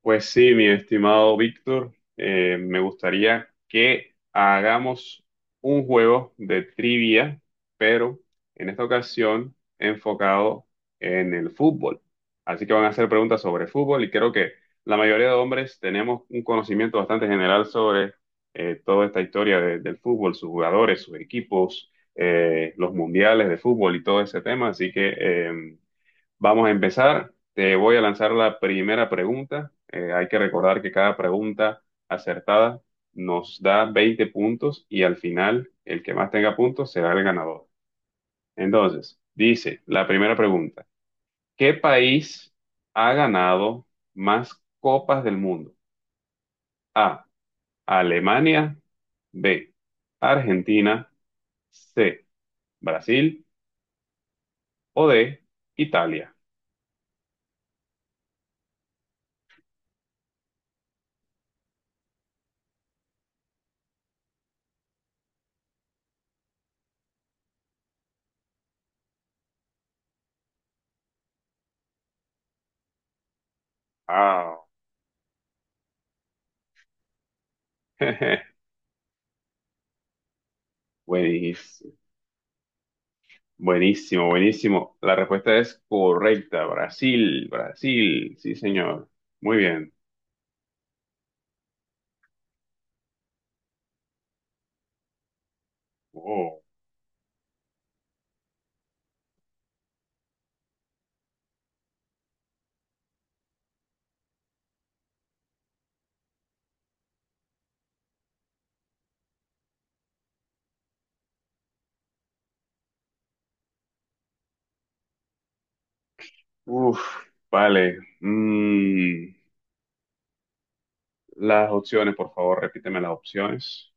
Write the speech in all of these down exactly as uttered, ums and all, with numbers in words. Pues sí, mi estimado Víctor, eh, me gustaría que hagamos un juego de trivia, pero en esta ocasión enfocado en el fútbol. Así que van a hacer preguntas sobre fútbol y creo que la mayoría de hombres tenemos un conocimiento bastante general sobre eh, toda esta historia de- del fútbol, sus jugadores, sus equipos, eh, los mundiales de fútbol y todo ese tema. Así que em, vamos a empezar. Te voy a lanzar la primera pregunta. Eh, hay que recordar que cada pregunta acertada nos da veinte puntos y al final el que más tenga puntos será el ganador. Entonces, dice la primera pregunta. ¿Qué país ha ganado más copas del mundo? A. Alemania. B. Argentina. C. Brasil. O D. Italia. Ah, buenísimo. Buenísimo, buenísimo. La respuesta es correcta. Brasil, Brasil. Sí, señor. Muy bien. Oh, uf, vale. Mm, las opciones, por favor, repíteme las opciones.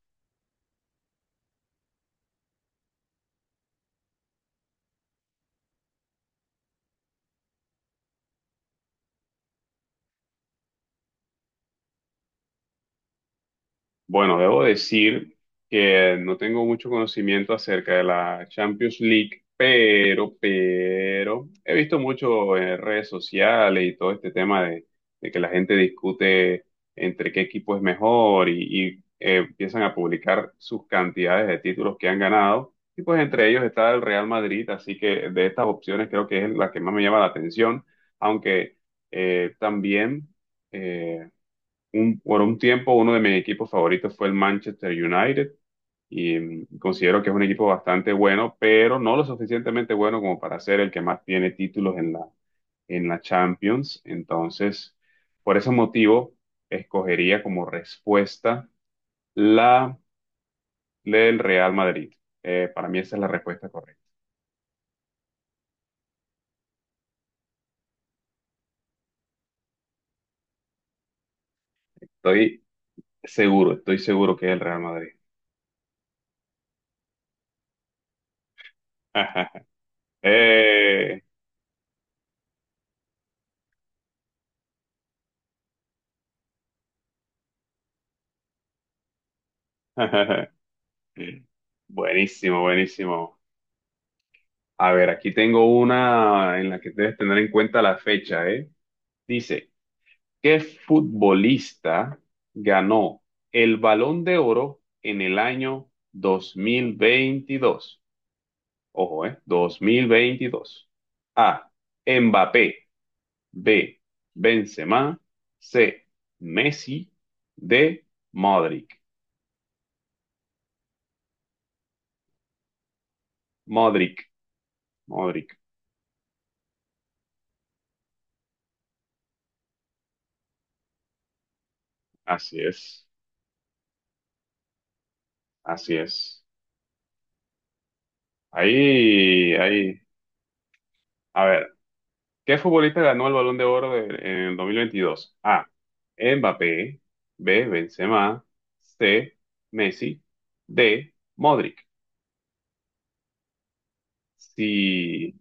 Bueno, debo decir que no tengo mucho conocimiento acerca de la Champions League, pero, pero he visto mucho en redes sociales y todo este tema de, de que la gente discute entre qué equipo es mejor y, y, eh, empiezan a publicar sus cantidades de títulos que han ganado. Y pues entre ellos está el Real Madrid, así que de estas opciones creo que es la que más me llama la atención, aunque eh, también eh, un- por un tiempo uno de mis equipos favoritos fue el Manchester United y mm, considero que es un equipo bastante bueno, pero no lo suficientemente bueno como para ser el que más tiene títulos en la, en la Champions. Entonces, por ese motivo, escogería como respuesta la del Real Madrid. Eh, para mí esa es la respuesta correcta. Estoy seguro, estoy seguro que es el Real Madrid. Eh, Buenísimo, buenísimo. A ver, aquí tengo una en la que debes tener en cuenta la fecha, ¿eh? Dice, ¿qué futbolista ganó el Balón de Oro en el año dos mil veintidós? Ojo, ¿eh? Dos mil veintidós. A. Mbappé. B. Benzema. C. Messi. D. Modric. Modric. Modric. Así es. Así es. Ahí, ahí. A ver, ¿qué futbolista ganó el Balón de Oro de- en el dos mil veintidós? A. Mbappé. B. Benzema. C. Messi. D. Modric. Si.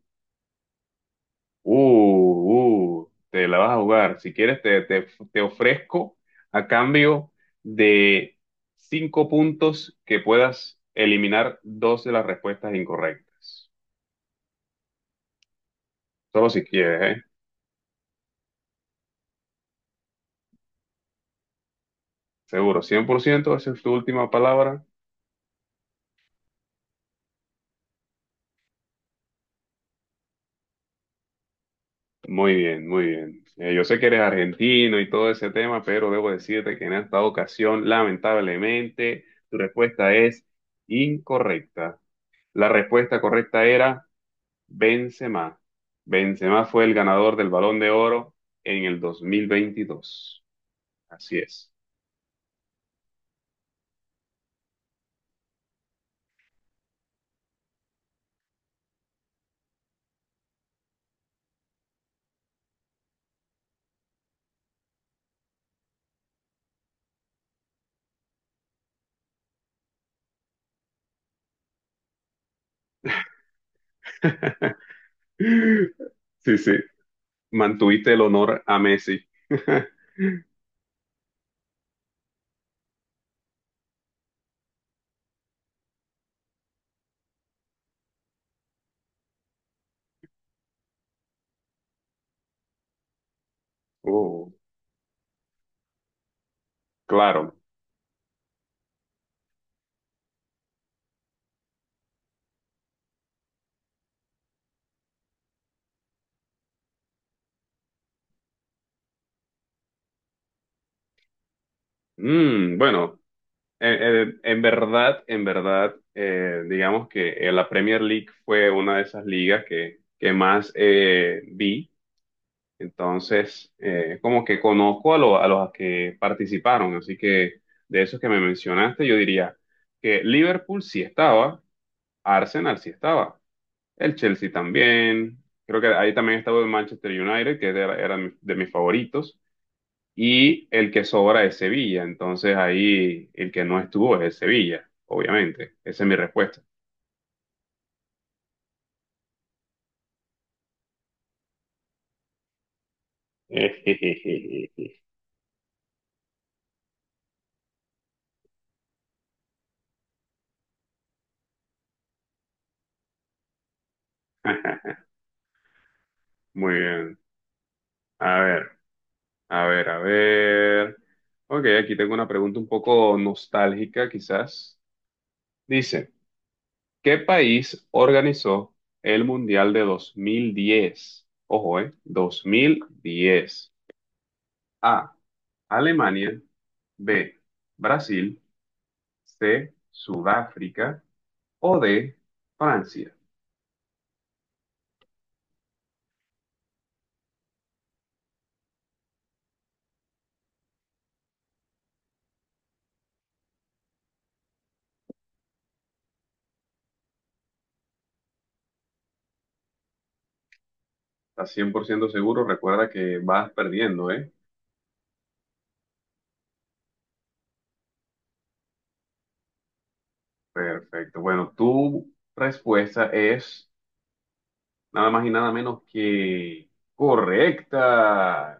Uh, uh, te la vas a jugar. Si quieres, te, te, te ofrezco a cambio de cinco puntos que puedas eliminar dos de las respuestas incorrectas. Solo si quieres, ¿eh? Seguro, cien por ciento, esa es tu última palabra. Muy bien, muy bien. Eh, yo sé que eres argentino y todo ese tema, pero debo decirte que en esta ocasión, lamentablemente, tu respuesta es incorrecta. La respuesta correcta era Benzema. Benzema fue el ganador del Balón de Oro en el dos mil veintidós. Así es. Sí, sí. Mantuviste el honor a Messi. Oh, claro. Mm, bueno. Eh, eh, en verdad, en verdad, eh, digamos que eh, la Premier League fue una de esas ligas que, que más eh, vi. Entonces, eh, como que conozco a, lo- a los que participaron. Así que de esos que me mencionaste, yo diría que Liverpool sí estaba, Arsenal sí estaba, el Chelsea también. Creo que ahí también estaba el Manchester United, que era, era de mis favoritos y el que sobra es Sevilla. Entonces ahí el que no estuvo es el Sevilla, obviamente. Esa es mi respuesta. Muy bien. A ver, a ver, a ver. Ok, aquí tengo una pregunta un poco nostálgica, quizás. Dice, ¿qué país organizó el Mundial de dos mil diez? Ojo, ¿eh? dos mil diez. A, Alemania. B, Brasil. C, Sudáfrica. O de Francia. ¿Estás cien por ciento seguro? Recuerda que vas perdiendo, ¿eh? Perfecto. Bueno, tu respuesta es nada más y nada menos que correcta.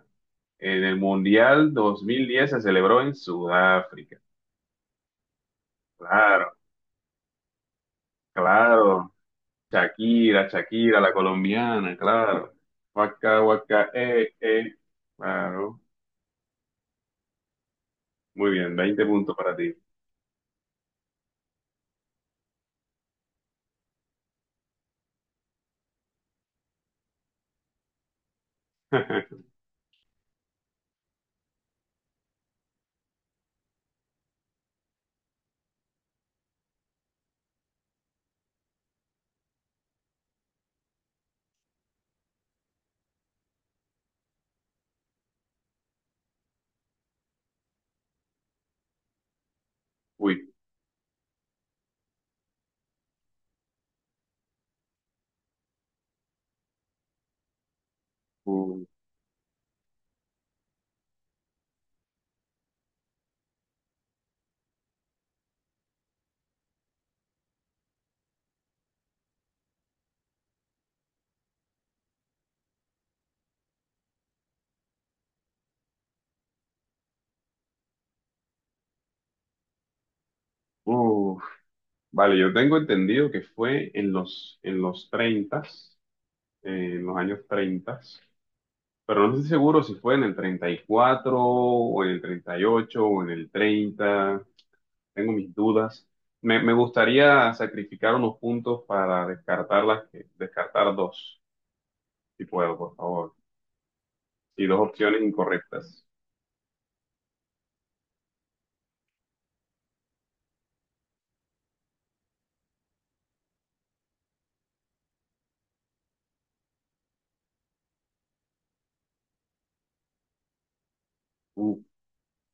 En el Mundial dos mil diez se celebró en Sudáfrica. Claro, claro. Shakira, Shakira, la colombiana, claro. Waka, waka, eh, eh. Claro. Muy bien, veinte puntos para ti. Uy, uy, uy. Vale, yo tengo entendido que fue en los, en los, treinta, en los años treinta, pero no estoy seguro si fue en el treinta y cuatro o en el treinta y ocho o en el treinta. Tengo mis dudas. Me, me gustaría sacrificar unos puntos para descartar las que, descartar dos, si puedo, por favor. Y dos opciones incorrectas. Uh,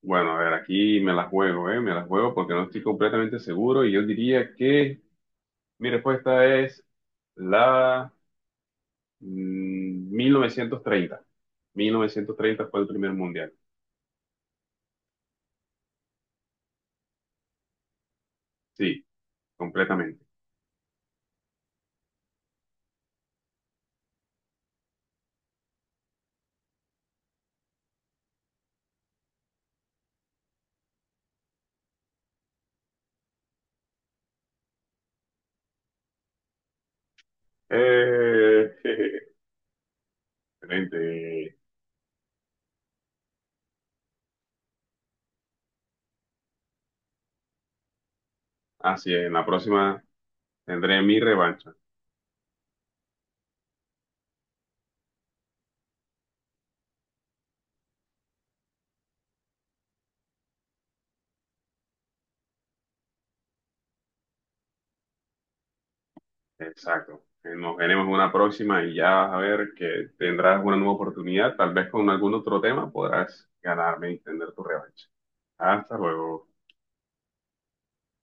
bueno, a ver, aquí me las juego, ¿eh? Me las juego porque no estoy completamente seguro y yo diría que, mire, pues esta es la... Mm, mil novecientos treinta. mil novecientos treinta fue el primer mundial. Sí, completamente. Eh, Excelente. Así es, en la próxima tendré mi revancha. Exacto. Eh, Nos veremos en una próxima y ya vas a ver que tendrás una nueva oportunidad. Tal vez con algún otro tema podrás ganarme y tener tu revancha. Hasta luego.